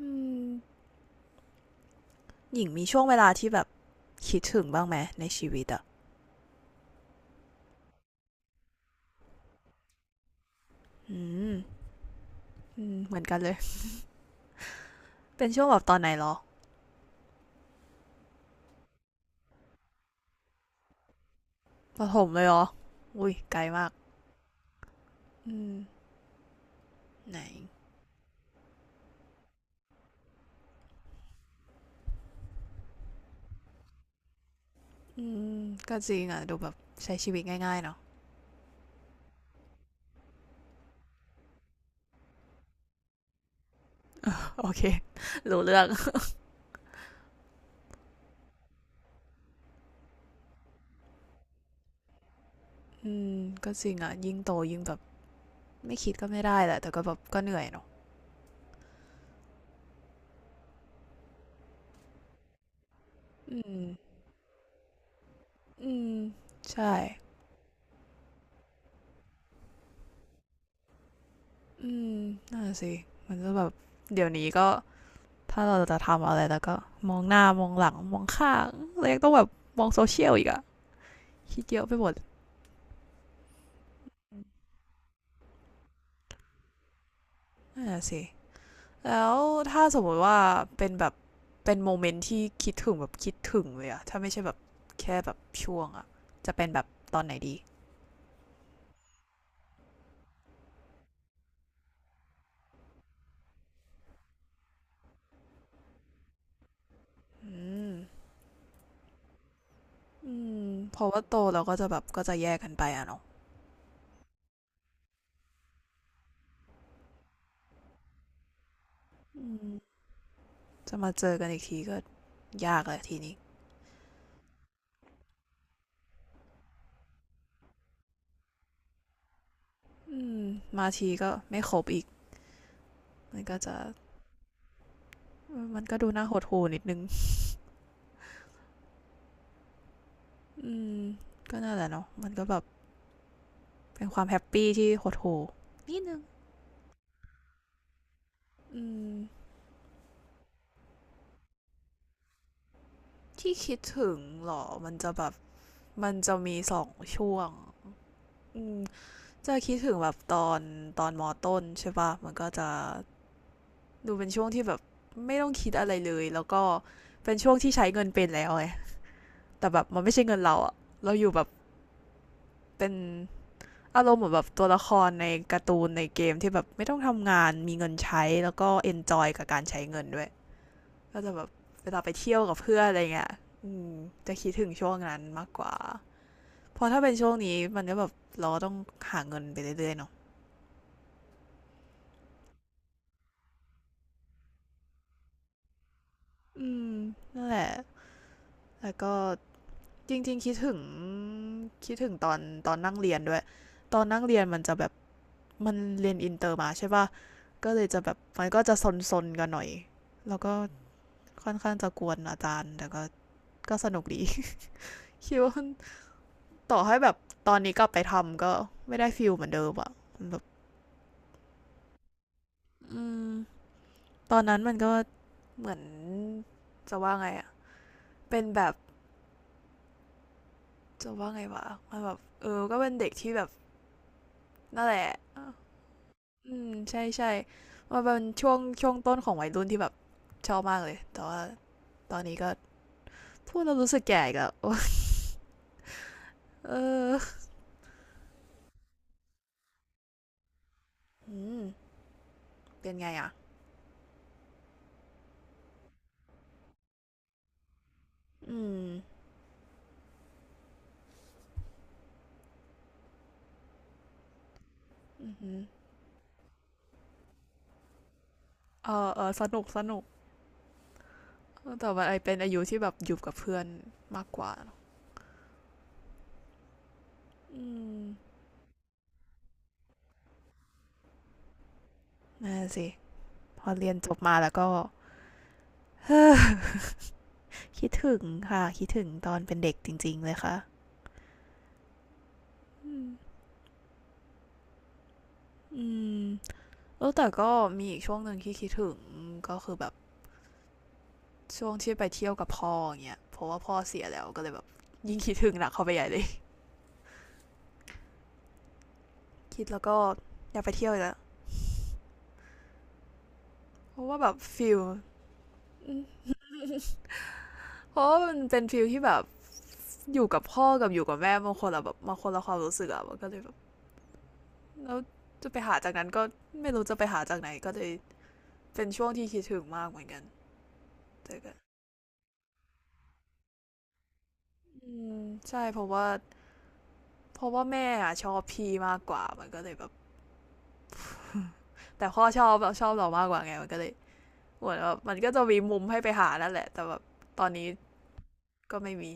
อืมหญิงมีช่วงเวลาที่แบบคิดถึงบ้างไหมในชีวิตอ่ะอืมอืมเหมือนกันเลยเป็นช่วงแบบตอนไหนเหรอประถมเลยเหรออุ้ยไกลมากอืมไหนอืมก็จริงอ่ะดูแบบใช้ชีวิตง่ายๆเนาะ โอเครู้เรื่องอืมก็จริงอ่ะยิ่งโตยิ่งแบบไม่คิดก็ไม่ได้แหละแต่ก็แบบก็เหนื่อยเนาะอืมอืมใช่อืมนั่นน่ะสิมันก็แบบเดี๋ยวนี้ก็ ถ้าเราจะทำอะไรแล้วก็มองหน้ามองหลังมองข้างแล้วยังต้องแบบมองโซเชียลอีกอะคิดเยอะไปหมดนั่นนะสิ แล้วถ้าสมมติว่าเป็นแบบเป็นโมเมนต์ที่คิดถึงแบบคิดถึงเลยอะถ้าไม่ใช่แบบแค่แบบช่วงอะจะเป็นแบบตอนไหนดีอืมอืมเพราะว่าโตเราก็จะแบบก็จะแยกกันไปอะเนาะอืมจะมาเจอกันอีกทีก็ยากเลยทีนี้อืมมาทีก็ไม่ครบอีกมันก็จะมันก็ดูน่าหดหู่นิดนึง อืมก็นั่นแหละเนาะมันก็แบบเป็นความแฮปปี้ที่หดหู่นิดนึงอืมที่คิดถึงเหรอมันจะแบบมันจะมีสองช่วงอืมจะคิดถึงแบบตอนตอนมอต้นใช่ปะมันก็จะดูเป็นช่วงที่แบบไม่ต้องคิดอะไรเลยแล้วก็เป็นช่วงที่ใช้เงินเป็นแล้วไงแต่แบบมันไม่ใช่เงินเราอะเราอยู่แบบเป็นอารมณ์เหมือนแบบตัวละครในการ์ตูนในเกมที่แบบไม่ต้องทำงานมีเงินใช้แล้วก็เอนจอยกับการใช้เงินด้วย ก็จะแบบเวลาไปเที่ยวกับเพื่อนอะไรเงี้ยอืมจะคิดถึงช่วงนั้นมากกว่า เพราะถ้าเป็นช่วงนี้มันก็แบบเราต้องหาเงินไปเรื่อยๆเนาะอืมนั่นแหละแล้วก็จริงๆคิดถึงคิดถึงตอนตอนนั่งเรียนด้วย ตอนนั่งเรียนมันจะแบบมันเรียนอินเตอร์มาใช่ป่ะก็เลยจะแบบมันก็จะซนๆกันหน่อยแล้วก็ค่อนข้างจะกวนอาจารย์แต่ก็ก็สนุกดี คิดว่าต่อให้แบบตอนนี้กลับไปทำก็ไม่ได้ฟิลเหมือนเดิมอะแบบ อืมตอนนั้นมันก็เหมือนจะว่าไงอะเป็นแบบจะว่าไงวะมันแบบก็เป็นเด็กที่แบบนั่นแหละอืมใช่ใช่มันเป็นช่วงช่วงต้นของวัยรุ่นที่แบบชอบมากเลยแต่ว่าตอนนี้ก็พูดแล้วรู้สึกแก่อีกแล้วโอ๊ย เอออืมเป็นไงอะอืมอือหือเออเออสนุกสนุกแต่ว่าไอเป็นอายุที่แบบอยู่กับเพื่อนมากกว่าเนอะอืมนั่นสิพอเรียนจบมาแล้วก็ คิดถึงค่ะคิดถึงตอนเป็นเด็กจริงๆเลยค่ะอืมอแล้วแต่ก็มีอีกช่วงหนึ่งที่คิดถึงก็คือแบบช่วงที่ไปเที่ยวกับพ่ออย่างเงี้ยเพราะว่าพ่อเสียแล้วก็เลยแบบยิ่งคิดถึงหนักเข้าไปใหญ่เลยคิดแล้วก็อยากไปเที่ยวอีกแล้วเพราะว่าแบบฟิล เพราะว่ามันเป็นฟิลที่แบบอยู่กับพ่อกับอยู่กับแม่บางคนอะแบบบางคนละความรู้สึกอะมันก็เลยแบบแล้วจะไปหาจากนั้นก็ไม่รู้จะไปหาจากไหนก็เลยเป็นช่วงที่คิดถึงมากเหมือนกันเจอกัน อืมใช่เพราะว่าเพราะว่าแม่อะชอบพี่มากกว่ามันก็เลยแบบแต่พ่อชอบเราชอบเรามากกว่าไงมันก็เลยเหมือนแบบมันก็จะมีมุมให้ไปหานั่นแหละแต่แบบตอนนี้ก็ไม่มี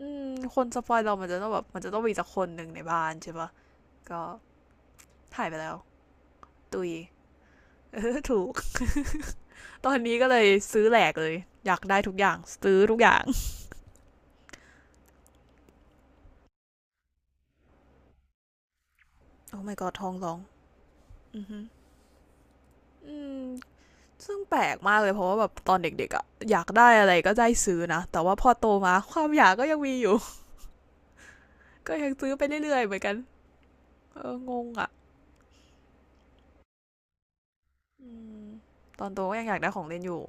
อืมคนสปอยเรามันจะต้องแบบมันจะต้องมีสักคนหนึ่งในบ้านใช่ปะก็หายไปแล้วตุย เออถูกตอนนี้ก็เลยซื้อแหลกเลยอยากได้ทุกอย่างซื้อทุกอย่างโอ้ my god ทองร้องอือหือืม ซึ่งแปลกมากเลยเพราะว่าแบบตอนเด็กๆอะอยากได้อะไรก็ได้ซื้อนะแต่ว่าพอโตมา ความอยากก็ยังมีอยู่ ก็ยังซื้อไปเรื่อยๆเหมือนกันเอองงอ่ะอมตอนโตก็ยังอยากได้ของเล่นอยู่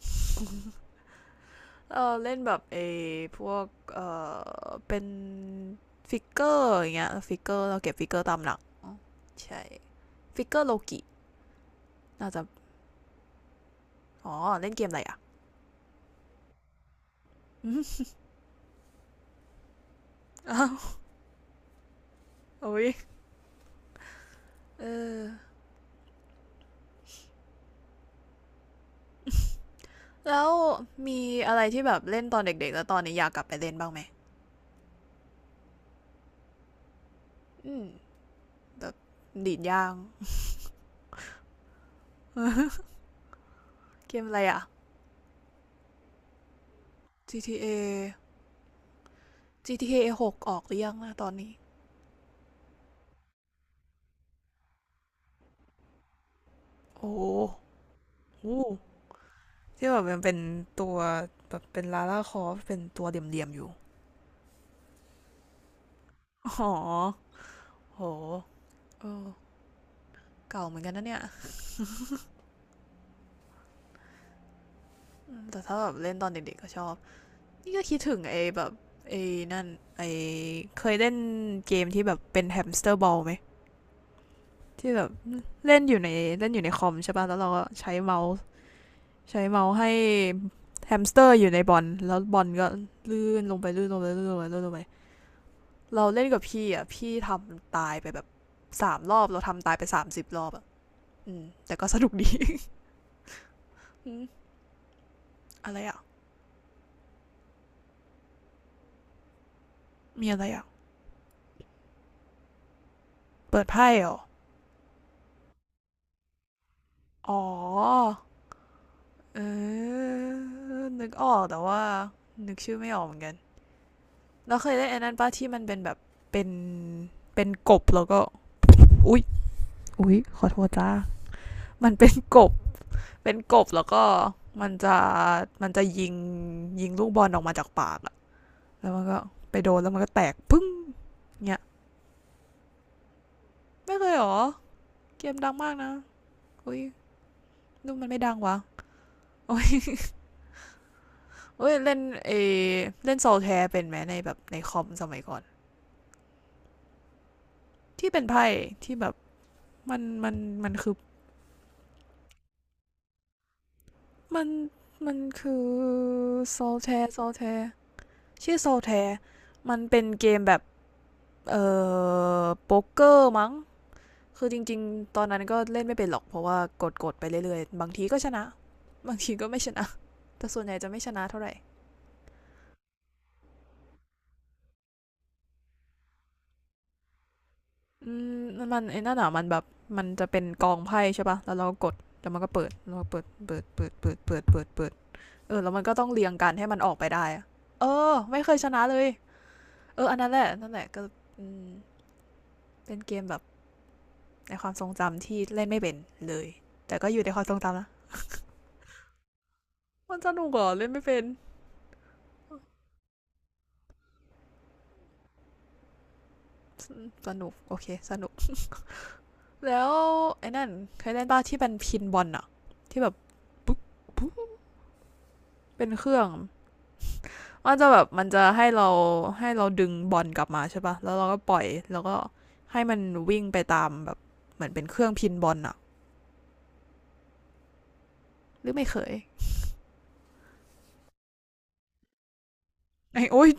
เออเล่นแบบเอพวกเออเป็นฟิกเกอร์อย่างเงี้ยฟิกเกอร์เราเก็บฟิกเกอร์ตามหลังใช่ฟิกเกอร์โลกิน่าจะอ๋อเล่นเกมอะไรอะ ออ้าวโอ้ยเออแล้วมีอะไรที่แบบเล่นตอนเด็กๆแล้วตอนนี้อยากกลับไปเล่นบ้างไหม อืมแต่ดีดยาง เกมอะไรอ่ะ GTA GTA 6อจีทีเอหกออกหรือยังนะตอนนี้โอ้โหอู้ที่แบบมันเป็นตัวแบบเป็นลาล่าคอฟเป็นตัวเดี่ยมๆอยู่อ๋อโหเออเก่าเหมือนกันนะเนี่ยอืมแต่ถ้าแบบเล่นตอนเด็กๆก็ชอบนี่ก็คิดถึงไอ้แบบไอ้นั่นไอ้เคยเล่นเกมที่แบบเป็นแฮมสเตอร์บอลไหมที่แบบเล่นอยู่ในเล่นอยู่ในคอมใช่ป่ะแล้วเราก็ใช้เมาส์ ใช้เมาส์ให้แฮมสเตอร์อยู่ในบอลแล้วบอลก็ลื่นลงไปลื่นลงไปลื่นลงไปลื่นลงไปเราเล่นกับพี่อ่ะพี่ทำตายไปแบบสามรอบเราทำตายไปสามสิบรอบอ่ะอืมแต่ก็สนุกดี อะไรอ่ะมีอะไรอ่ะเปิดไพ่เหรออ๋อเออนึกออกแต่ว่านึกชื่อไม่ออกเหมือนกันเราเคยเล่นไอ้นั้นป้าที่มันเป็นแบบเป็นเป็นกบแล้วก็อุ๊ยอุ๊ยขอโทษจ้ามันเป็นกบ เป็นกบแล้วก็มันจะมันจะยิงยิงลูกบอลออกมาจากปากอะแล้วมันก็ไปโดนแล้วมันก็แตกพึ่งเนี่ยไม่เคยหรอเกมดังมากนะอุ้ยนู่มันไม่ดังวะโอ้ยโอ้ยเล่นเอเล่นโซลแทร์เป็นไหมในแบบในคอมสมัยก่อนที่เป็นไพ่ที่แบบมันมันมันคือมันมันคือโซลแทร์โซลแทร์ชื่อโซลแทร์มันเป็นเกมแบบเออโป๊กเกอร์มั้ง คือจริงๆตอนนั้นก็เล่นไม่เป็นหรอกเพราะว่ากดๆไปเรื่อยๆบางทีก็ชนะบางทีก็ไม่ชนะแต่ส่วนใหญ่จะไม่ชนะเท่าไหร่อืมมันไอ้นั่นอ่ะมันแบบมันจะเป็นกองไพ่ใช่ปะแล้วเราก็ดแล้วมันก็เปิดเราเปิดเปิดเปิดเปิดเปิดเปิดเปิดเออแล้วมันก็ต้องเรียงกันให้มันออกไปได้เออไม่เคยชนะเลยเอออันนั้นแหละนั่นแหละก็อืมเป็นเกมแบบในความทรงจำที่เล่นไม่เป็นเลยแต่ก็อยู่ในความทรงจำนะมันสนุกเหรอเล่นไม่เป็นสนุกโอเคสนุก แล้วไอ้นั่นเคยเล่นป้าที่เป็นพินบอลอะที่แบบปุ๊บปุ๊บเป็นเครื่องมันจะให้เราให้เราดึงบอลกลับมาใช่ปะแล้วเราก็ปล่อยแล้วก็ให้มันวิ่งไปตามแบบเหมือนเป็นเครื่องพินบอลอะหรือไม่เคย ไอ้โอ๊ย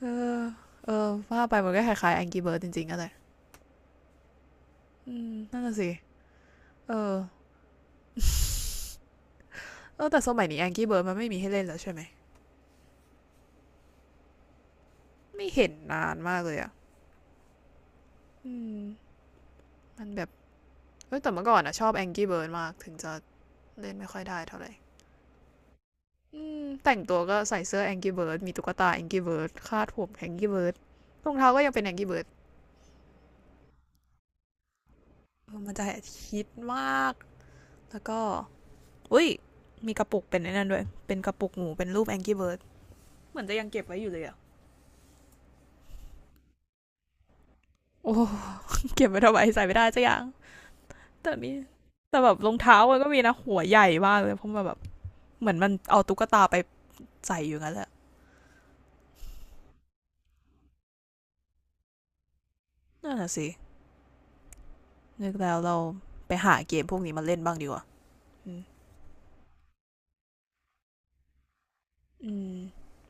เออเออว่าไปมันก็คล้ายๆแองกี้เบิร์ดจริงๆอะไรอืมนั่นน่ะสิเออ เออแต่สมัยนี้แองกี้เบิร์ดมันไม่มีให้เล่นแล้วใช่ไหมไม่เห็นนานมากเลยอะอืมมันแบบ เฮ้ยแต่เมื่อก่อนอะชอบ Angry Bird มากถึงจะเล่นไม่ค่อยได้เท่าไหร่แต่งตัวก็ใส่เสื้อ Angry Bird มีตุ๊กตา Angry Bird คาดผม Angry Bird รองเท้าก็ยังเป็น Angry Bird เมันจะฮิตมากแล้วก็อุ้ยมีกระปุกเป็นนั่นด้วยเป็นกระปุกหมูเป็นรูป Angry Bird เหมือนจะยังเก็บไว้อยู่เลยอะโอ้เก็บไว้ทำไมใส่ไม่ได้จะยัางแต่มีแต่แบบรองเท้ามันก็มีนะหัวใหญ่มากเลยเพราะมันแบบเหมือนมันเอาตุ๊กตาไปใส่อยู่งั้นแหละนั่นน่ะสินึกแล้วเราไปหาเกมพวกนี้มาเล่นบ้างดีกว่า อืมอืม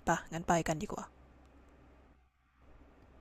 ปะงั้นไปกันดีกว่า